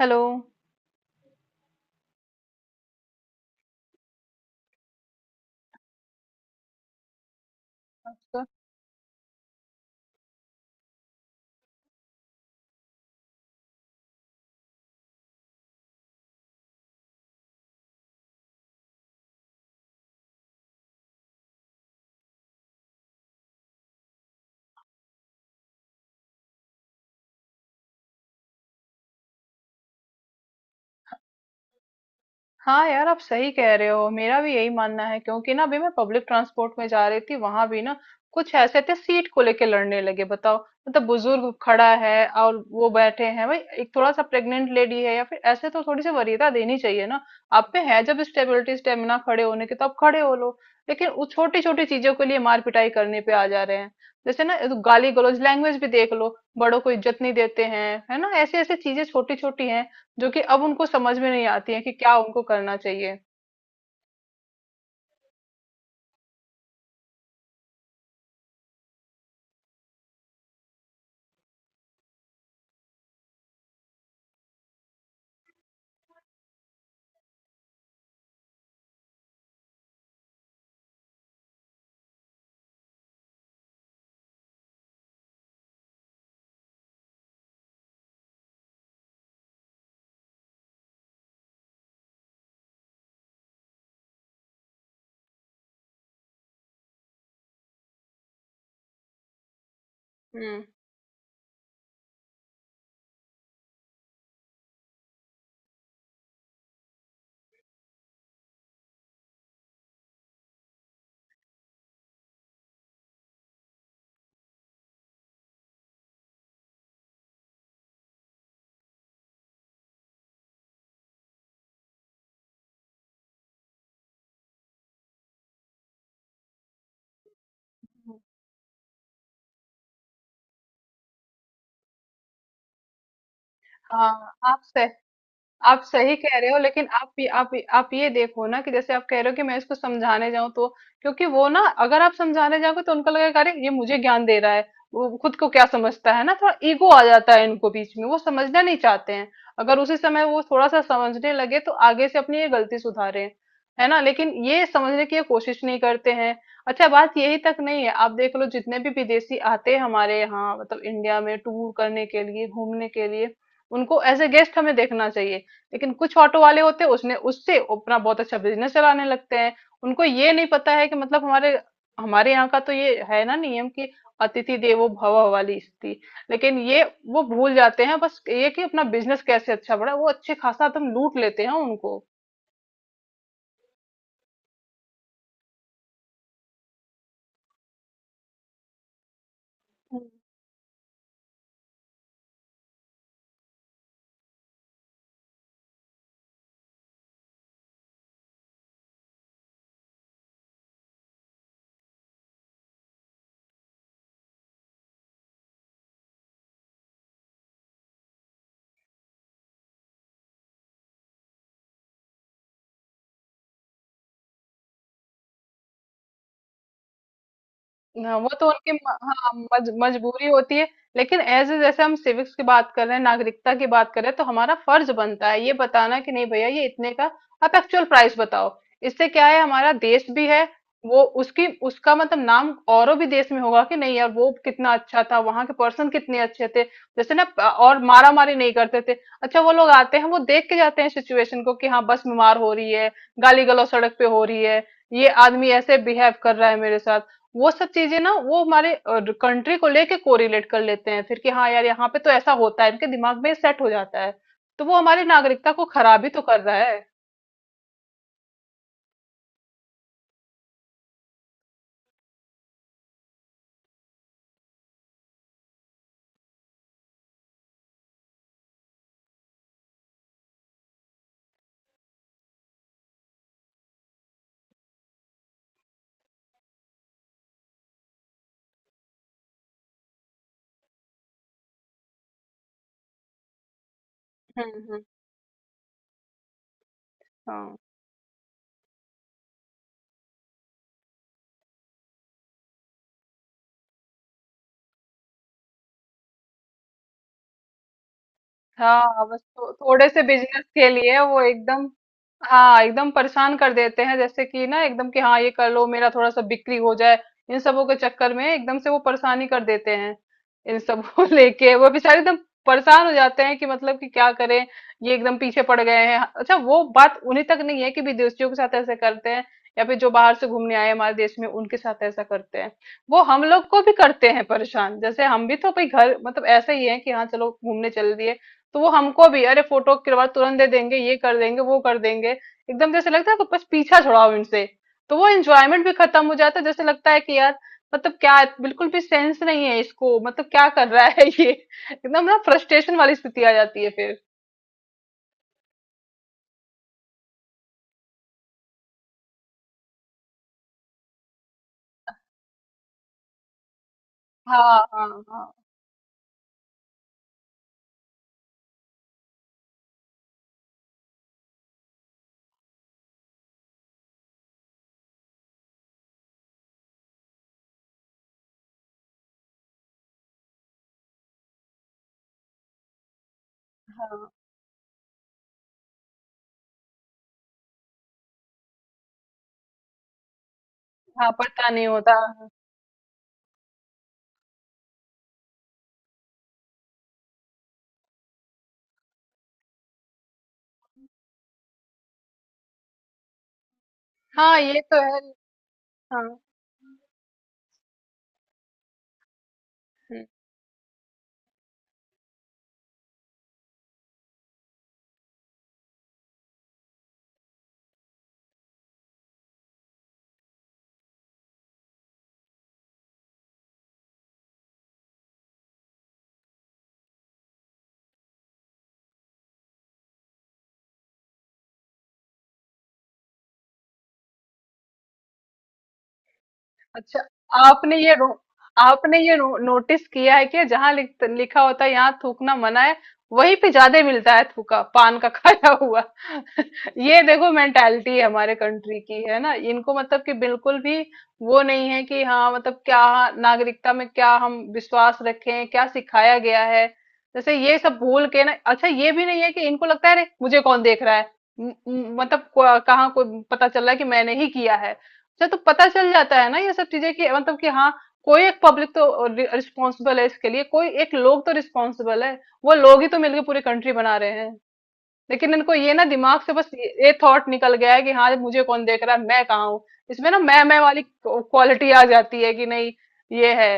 Hello. हाँ यार, आप सही कह रहे हो, मेरा भी यही मानना है। क्योंकि ना, अभी मैं पब्लिक ट्रांसपोर्ट में जा रही थी, वहां भी ना कुछ ऐसे थे, सीट को लेके लड़ने लगे। बताओ, मतलब बुजुर्ग खड़ा है और वो बैठे हैं। भाई एक थोड़ा सा प्रेग्नेंट लेडी है या फिर ऐसे, तो थोड़ी सी वरीयता देनी चाहिए ना। आप पे है जब स्टेबिलिटी स्टेमिना खड़े होने की, तो आप खड़े हो लो। लेकिन वो छोटी छोटी चीजों के लिए मार पिटाई करने पे आ जा रहे हैं। जैसे ना, गाली गलौज लैंग्वेज भी देख लो। बड़ों को इज्जत नहीं देते हैं। है ना, ऐसी ऐसी चीजें छोटी छोटी हैं जो कि अब उनको समझ में नहीं आती है कि क्या उनको करना चाहिए। हम्म। हाँ आप सह आप सही कह रहे हो। लेकिन आप ये आप ये देखो ना, कि जैसे आप कह रहे हो कि मैं इसको समझाने जाऊं, तो क्योंकि वो ना, अगर आप समझाने जाओगे तो उनको लगेगा अरे ये मुझे ज्ञान दे रहा है, वो खुद को क्या समझता है। ना थोड़ा ईगो आ जाता है इनको बीच में, वो समझना नहीं चाहते हैं। अगर उसी समय वो थोड़ा सा समझने लगे, तो आगे से अपनी ये गलती सुधारे। है ना, लेकिन ये समझने की ये कोशिश नहीं करते हैं। अच्छा, बात यही तक नहीं है। आप देख लो, जितने भी विदेशी आते हैं हमारे यहाँ, मतलब इंडिया में टूर करने के लिए, घूमने के लिए, उनको एज ए गेस्ट हमें देखना चाहिए। लेकिन कुछ ऑटो वाले होते हैं, उसने उससे अपना बहुत अच्छा बिजनेस चलाने लगते हैं। उनको ये नहीं पता है कि मतलब हमारे हमारे यहाँ का तो ये है ना नियम कि अतिथि देवो भव वाली स्थिति। लेकिन ये, वो भूल जाते हैं बस ये, कि अपना बिजनेस कैसे अच्छा बढ़ा। वो अच्छे खासा एकदम लूट लेते हैं उनको। हाँ वो तो उनकी म- हाँ, मजबूरी होती है। लेकिन एज ए, जैसे हम सिविक्स की बात कर रहे हैं, नागरिकता की बात कर रहे हैं, तो हमारा फर्ज बनता है ये बताना कि नहीं भैया, ये इतने का, आप एक्चुअल प्राइस बताओ। इससे क्या है, हमारा देश भी है। वो उसकी उसका मतलब नाम औरों भी देश में होगा कि नहीं यार वो कितना अच्छा था, वहां के पर्सन कितने अच्छे थे। जैसे ना प- और मारा मारी नहीं करते थे। अच्छा, वो लोग आते हैं, वो देख के जाते हैं सिचुएशन को, कि हाँ बस बीमार हो रही है, गाली गलौज सड़क पे हो रही है, ये आदमी ऐसे बिहेव कर रहा है मेरे साथ। वो सब चीजें ना, वो हमारे कंट्री को लेके कोरिलेट कर लेते हैं फिर कि हाँ यार, यहाँ पे तो ऐसा होता है। इनके दिमाग में सेट हो जाता है। तो वो हमारी नागरिकता को खराब ही तो कर रहा है। हम्म। हाँ हाँ, थोड़े से बिजनेस के लिए वो एकदम, हाँ एकदम परेशान कर देते हैं। जैसे कि ना एकदम कि हाँ ये कर लो, मेरा थोड़ा सा बिक्री हो जाए। इन सबों के चक्कर में एकदम से वो परेशानी कर देते हैं। इन सब को लेके वो बेचारे एकदम परेशान हो जाते हैं कि मतलब कि क्या करें, ये एकदम पीछे पड़ गए हैं। हाँ, अच्छा वो बात उन्हीं तक नहीं है कि विदेशियों के साथ ऐसे करते हैं, या फिर जो बाहर से घूमने आए हमारे देश में उनके साथ ऐसा करते हैं। वो हम लोग को भी करते हैं परेशान। जैसे हम भी तो भाई घर, मतलब ऐसे ही है कि हाँ चलो घूमने चल दिए, तो वो हमको भी अरे फोटो करवा तुरंत दे देंगे, ये कर देंगे वो कर देंगे, एकदम जैसे लगता है कि बस पीछा छुड़ाओ इनसे। तो वो एंजॉयमेंट भी खत्म हो जाता है। जैसे लगता है कि यार मतलब क्या, बिल्कुल भी सेंस नहीं है इसको, मतलब क्या कर रहा है ये। एकदम ना फ्रस्ट्रेशन वाली स्थिति आ जाती है फिर। हाँ हाँ हाँ, हाँ पता नहीं होता। हाँ ये तो है। हाँ, अच्छा आपने ये रो, आपने ये नोटिस किया है कि जहां लिखा होता है यहाँ थूकना मना है, वहीं पे ज्यादा मिलता है थूका, पान का खाया हुआ। ये देखो मेंटालिटी है हमारे कंट्री की। है ना, इनको मतलब कि बिल्कुल भी वो नहीं है कि हाँ मतलब क्या, नागरिकता में क्या हम विश्वास रखें, क्या सिखाया गया है। जैसे ये सब भूल के ना, अच्छा ये भी नहीं है कि इनको लगता है अरे मुझे कौन देख रहा है। मतलब कहाँ कोई पता चल रहा है कि मैंने ही किया है। अच्छा, तो पता चल जाता है ना ये सब चीजें कि मतलब कि हाँ कोई एक पब्लिक तो रिस्पॉन्सिबल है इसके लिए, कोई एक लोग तो रिस्पॉन्सिबल है। वो लोग ही तो मिलकर पूरी कंट्री बना रहे हैं। लेकिन इनको ये ना दिमाग से बस ये थॉट निकल गया है कि हाँ मुझे कौन देख रहा है, मैं कहाँ हूँ। इसमें ना मैं वाली क्वालिटी आ जाती है कि नहीं, ये है।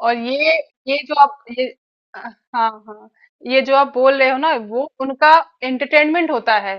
और ये जो आप ये हाँ हाँ, ये जो आप बोल रहे हो ना, वो उनका एंटरटेनमेंट होता है।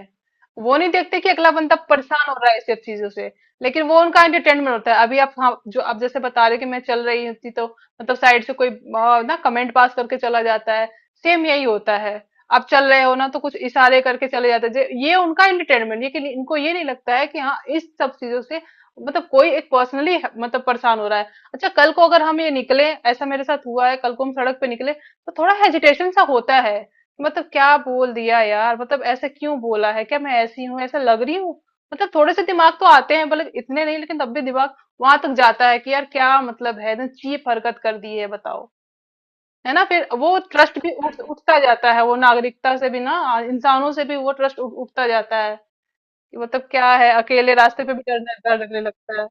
वो नहीं देखते कि अगला बंदा परेशान हो रहा है इस सब चीजों से। लेकिन वो उनका एंटरटेनमेंट होता है। अभी आप, हाँ, जो आप जैसे बता रहे हो कि मैं चल रही होती तो मतलब साइड से कोई, ना कमेंट पास करके चला जाता है। सेम यही होता है। आप चल रहे हो ना, तो कुछ इशारे करके चले जाते हैं। ये उनका एंटरटेनमेंट, ये कि इनको ये नहीं लगता है कि हाँ इस सब चीजों से मतलब कोई एक पर्सनली मतलब परेशान हो रहा है। अच्छा, कल को अगर हम ये निकले, ऐसा मेरे साथ हुआ है, कल को हम सड़क पे निकले तो थोड़ा हेजिटेशन सा होता है। मतलब क्या बोल दिया यार, मतलब ऐसे क्यों बोला है, क्या मैं ऐसी हूँ, ऐसा लग रही हूँ। मतलब थोड़े से दिमाग तो आते हैं, भले इतने नहीं, लेकिन तब भी दिमाग वहां तक जाता है कि यार क्या मतलब है, एकदम चीप हरकत कर दी है, बताओ। है ना, फिर वो ट्रस्ट भी उठ उठता जाता है, वो नागरिकता से भी ना, इंसानों से भी वो ट्रस्ट उठता जाता है। कि मतलब क्या है, अकेले रास्ते पे भी डरने डरने लगता है।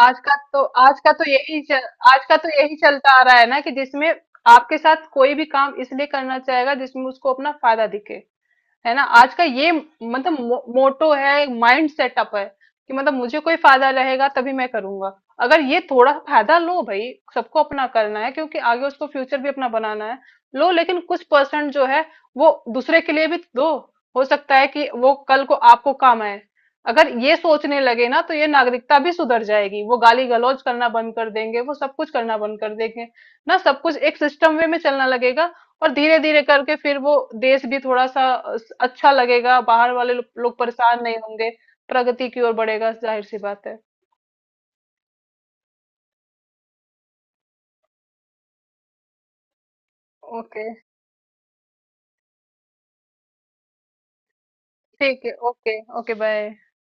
आज का तो आज का तो यही चल, आज का तो यही चलता आ रहा है ना, कि जिसमें आपके साथ कोई भी काम इसलिए करना चाहेगा जिसमें उसको अपना फायदा दिखे। है ना, आज का ये मतलब मोटो है, माइंड सेटअप है कि मतलब मुझे कोई फायदा रहेगा तभी मैं करूंगा। अगर ये थोड़ा फायदा, लो भाई सबको अपना करना है क्योंकि आगे उसको फ्यूचर भी अपना बनाना है। लो, लेकिन कुछ % जो है वो दूसरे के लिए भी दो। हो सकता है कि वो कल को आपको काम आए। अगर ये सोचने लगे ना, तो ये नागरिकता भी सुधर जाएगी, वो गाली गलौज करना बंद कर देंगे, वो सब कुछ करना बंद कर देंगे ना। सब कुछ एक सिस्टम वे में चलना लगेगा। और धीरे धीरे करके फिर वो देश भी थोड़ा सा अच्छा लगेगा, बाहर वाले लोग परेशान नहीं होंगे। प्रगति की ओर बढ़ेगा, जाहिर सी बात है। ओके, ठीक है, ओके ओके, बाय।